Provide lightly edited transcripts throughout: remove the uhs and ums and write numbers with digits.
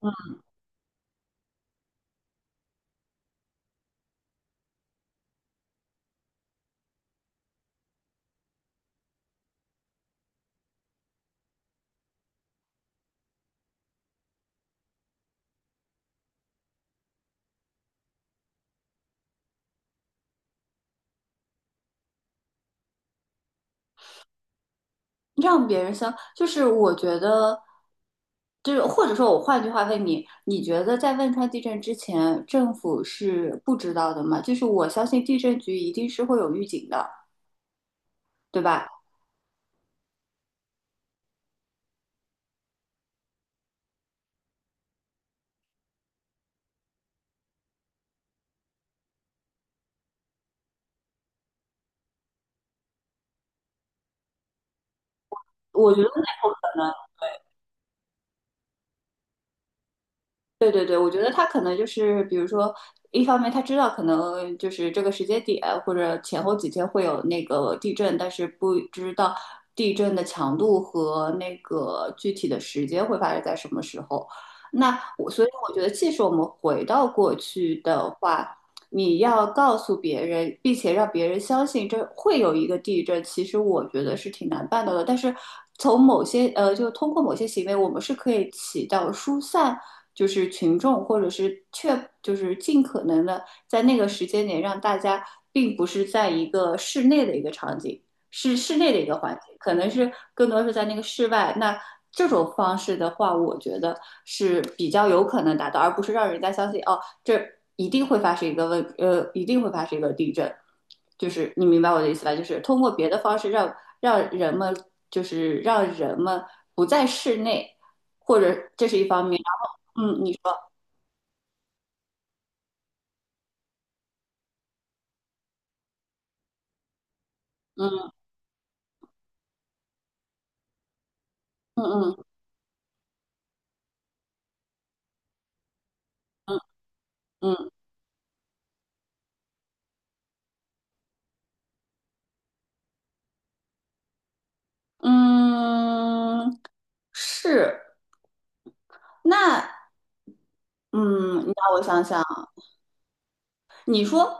嗯，让别人相，就是我觉得，就是或者说我换句话问你，你觉得在汶川地震之前，政府是不知道的吗？就是我相信地震局一定是会有预警的，对吧？我觉得那不可能。对对对，我觉得他可能就是，比如说，一方面他知道可能就是这个时间点或者前后几天会有那个地震，但是不知道地震的强度和那个具体的时间会发生在什么时候。那我所以我觉得，即使我们回到过去的话，你要告诉别人，并且让别人相信这会有一个地震，其实我觉得是挺难办到的。但是从某些呃，就通过某些行为，我们是可以起到疏散，就是群众或者是确，就是尽可能的在那个时间点让大家，并不是在一个室内的一个场景，是室内的一个环境，可能是更多是在那个室外。那这种方式的话，我觉得是比较有可能达到，而不是让人家相信哦。这一定会发生一个问，呃，一定会发生一个地震，就是你明白我的意思吧？就是通过别的方式让让人们，就是让人们不在室内，或者这是一方面。然后，你说，嗯嗯嗯嗯嗯嗯，嗯是那，嗯，你让我想想，你说。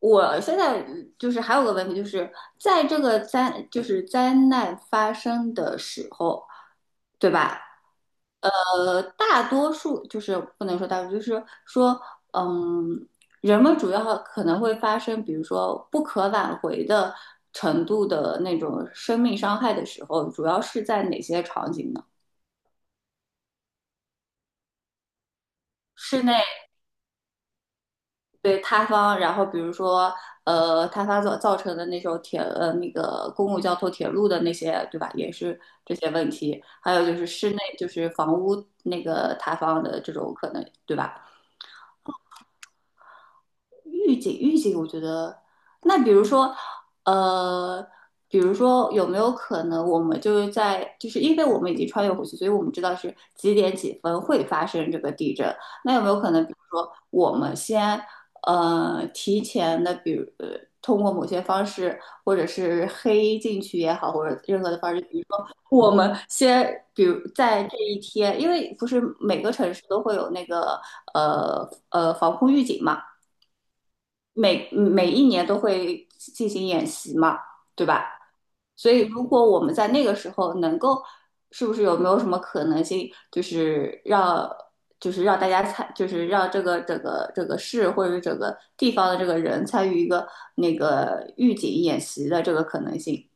我现在就是还有个问题，就是在这个灾就是灾难发生的时候，对吧？大多数就是不能说大多数，就是说，嗯，人们主要可能会发生，比如说不可挽回的程度的那种生命伤害的时候，主要是在哪些场景呢？室内对塌方，然后比如说，塌方造成的那种那个公共交通铁路的那些，对吧？也是这些问题，还有就是室内就是房屋那个塌方的这种可能，对吧？预警，我觉得那比如说，呃，比如说有没有可能我们就是在就是因为我们已经穿越回去，所以我们知道是几点几分会发生这个地震。那有没有可能，比如说我们先提前的，比如通过某些方式，或者是黑进去也好，或者任何的方式，比如说我们先，比如在这一天，因为不是每个城市都会有那个防空预警嘛。每一年都会进行演习嘛，对吧？所以如果我们在那个时候能够，是不是有没有什么可能性，就是让就是让大家参，就是让整个市或者是整个地方的这个人参与一个那个预警演习的这个可能性？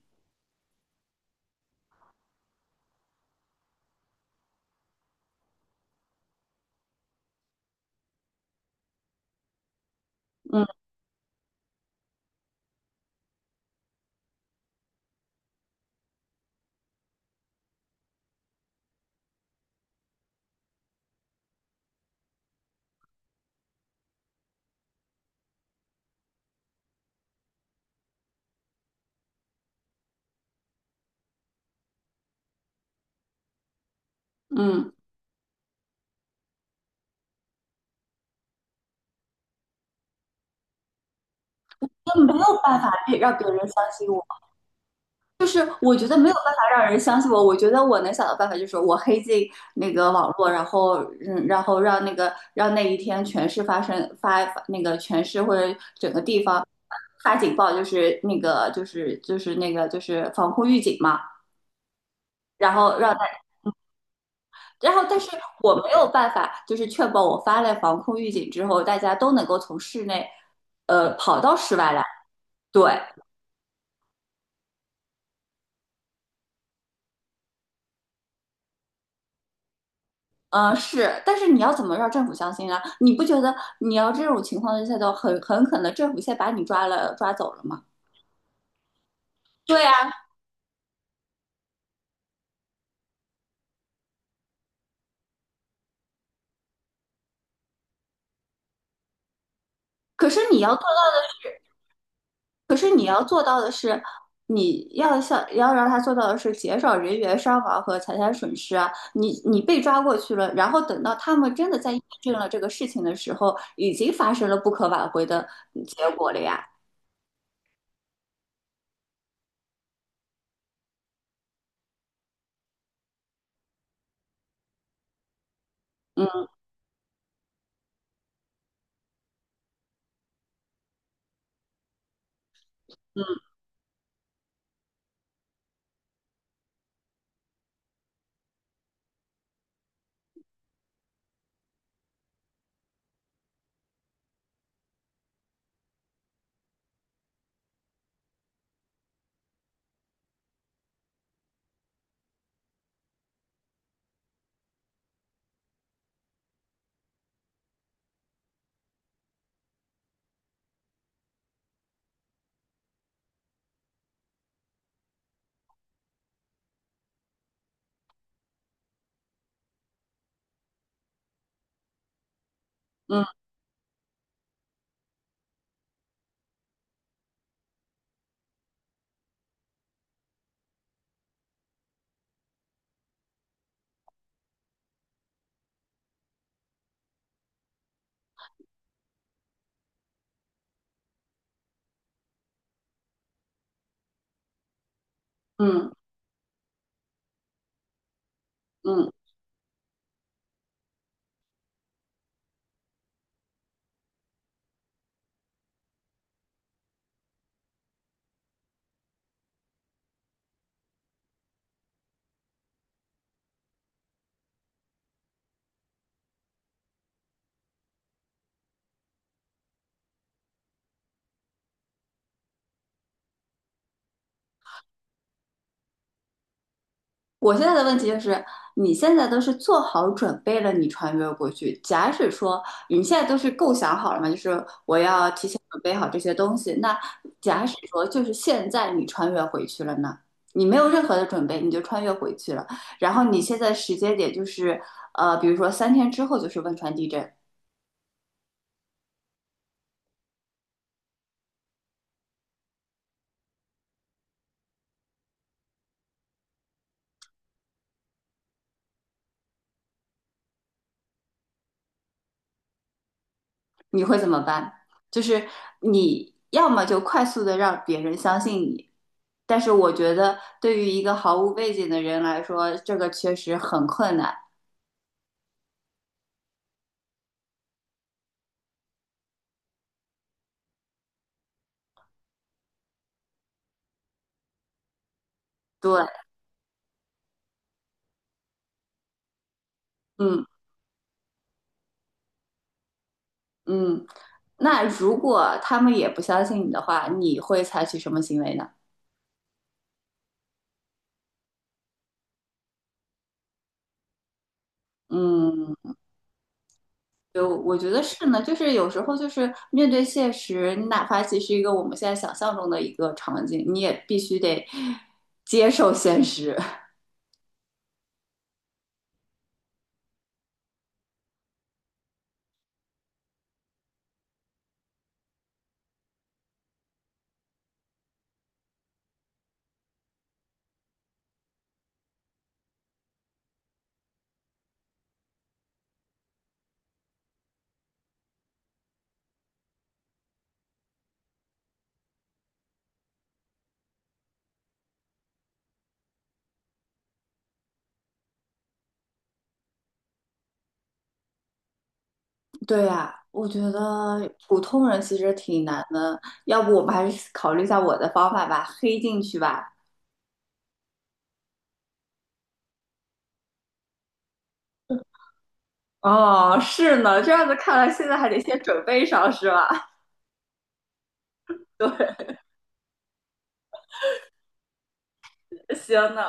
嗯嗯，就没有办法让别人相信就是我觉得没有办法让人相信我，我觉得我能想到办法就是我黑进那个网络，然后然后让那个让那一天全市发生发那个全市或者整个地方发警报，就是防空预警嘛，然后然后但是我没有办法就是确保我发了防空预警之后，大家都能够从室内跑到室外来，对。是，但是你要怎么让政府相信啊？你不觉得你要这种情况下的很可能政府先把你抓走了吗？对啊，可是你要做到，可是你要做到的是，你要像要让他做到的是减少人员伤亡和财产损失啊。你被抓过去了，然后等到他们真的在验证了这个事情的时候，已经发生了不可挽回的结果了呀。嗯嗯嗯嗯。嗯，我现在的问题就是，你现在都是做好准备了，你穿越过去。假使说你现在都是构想好了嘛，就是我要提前准备好这些东西。那假使说就是现在你穿越回去了呢，你没有任何的准备，你就穿越回去了。然后你现在时间点就是，比如说三天之后就是汶川地震，你会怎么办？就是你要么就快速的让别人相信你，但是我觉得对于一个毫无背景的人来说，这个确实很困难。对，嗯嗯。那如果他们也不相信你的话，你会采取什么行为呢？嗯，就我觉得是呢，就是有时候就是面对现实，你哪怕其实一个我们现在想象中的一个场景，你也必须得接受现实。对呀，我觉得普通人其实挺难的，要不我们还是考虑一下我的方法吧，黑进去吧。哦，是呢，这样子看来，现在还得先准备上，是吧？对，行呢，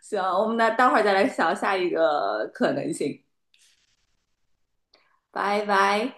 行，我们那待会儿再来想下一个可能性，拜拜。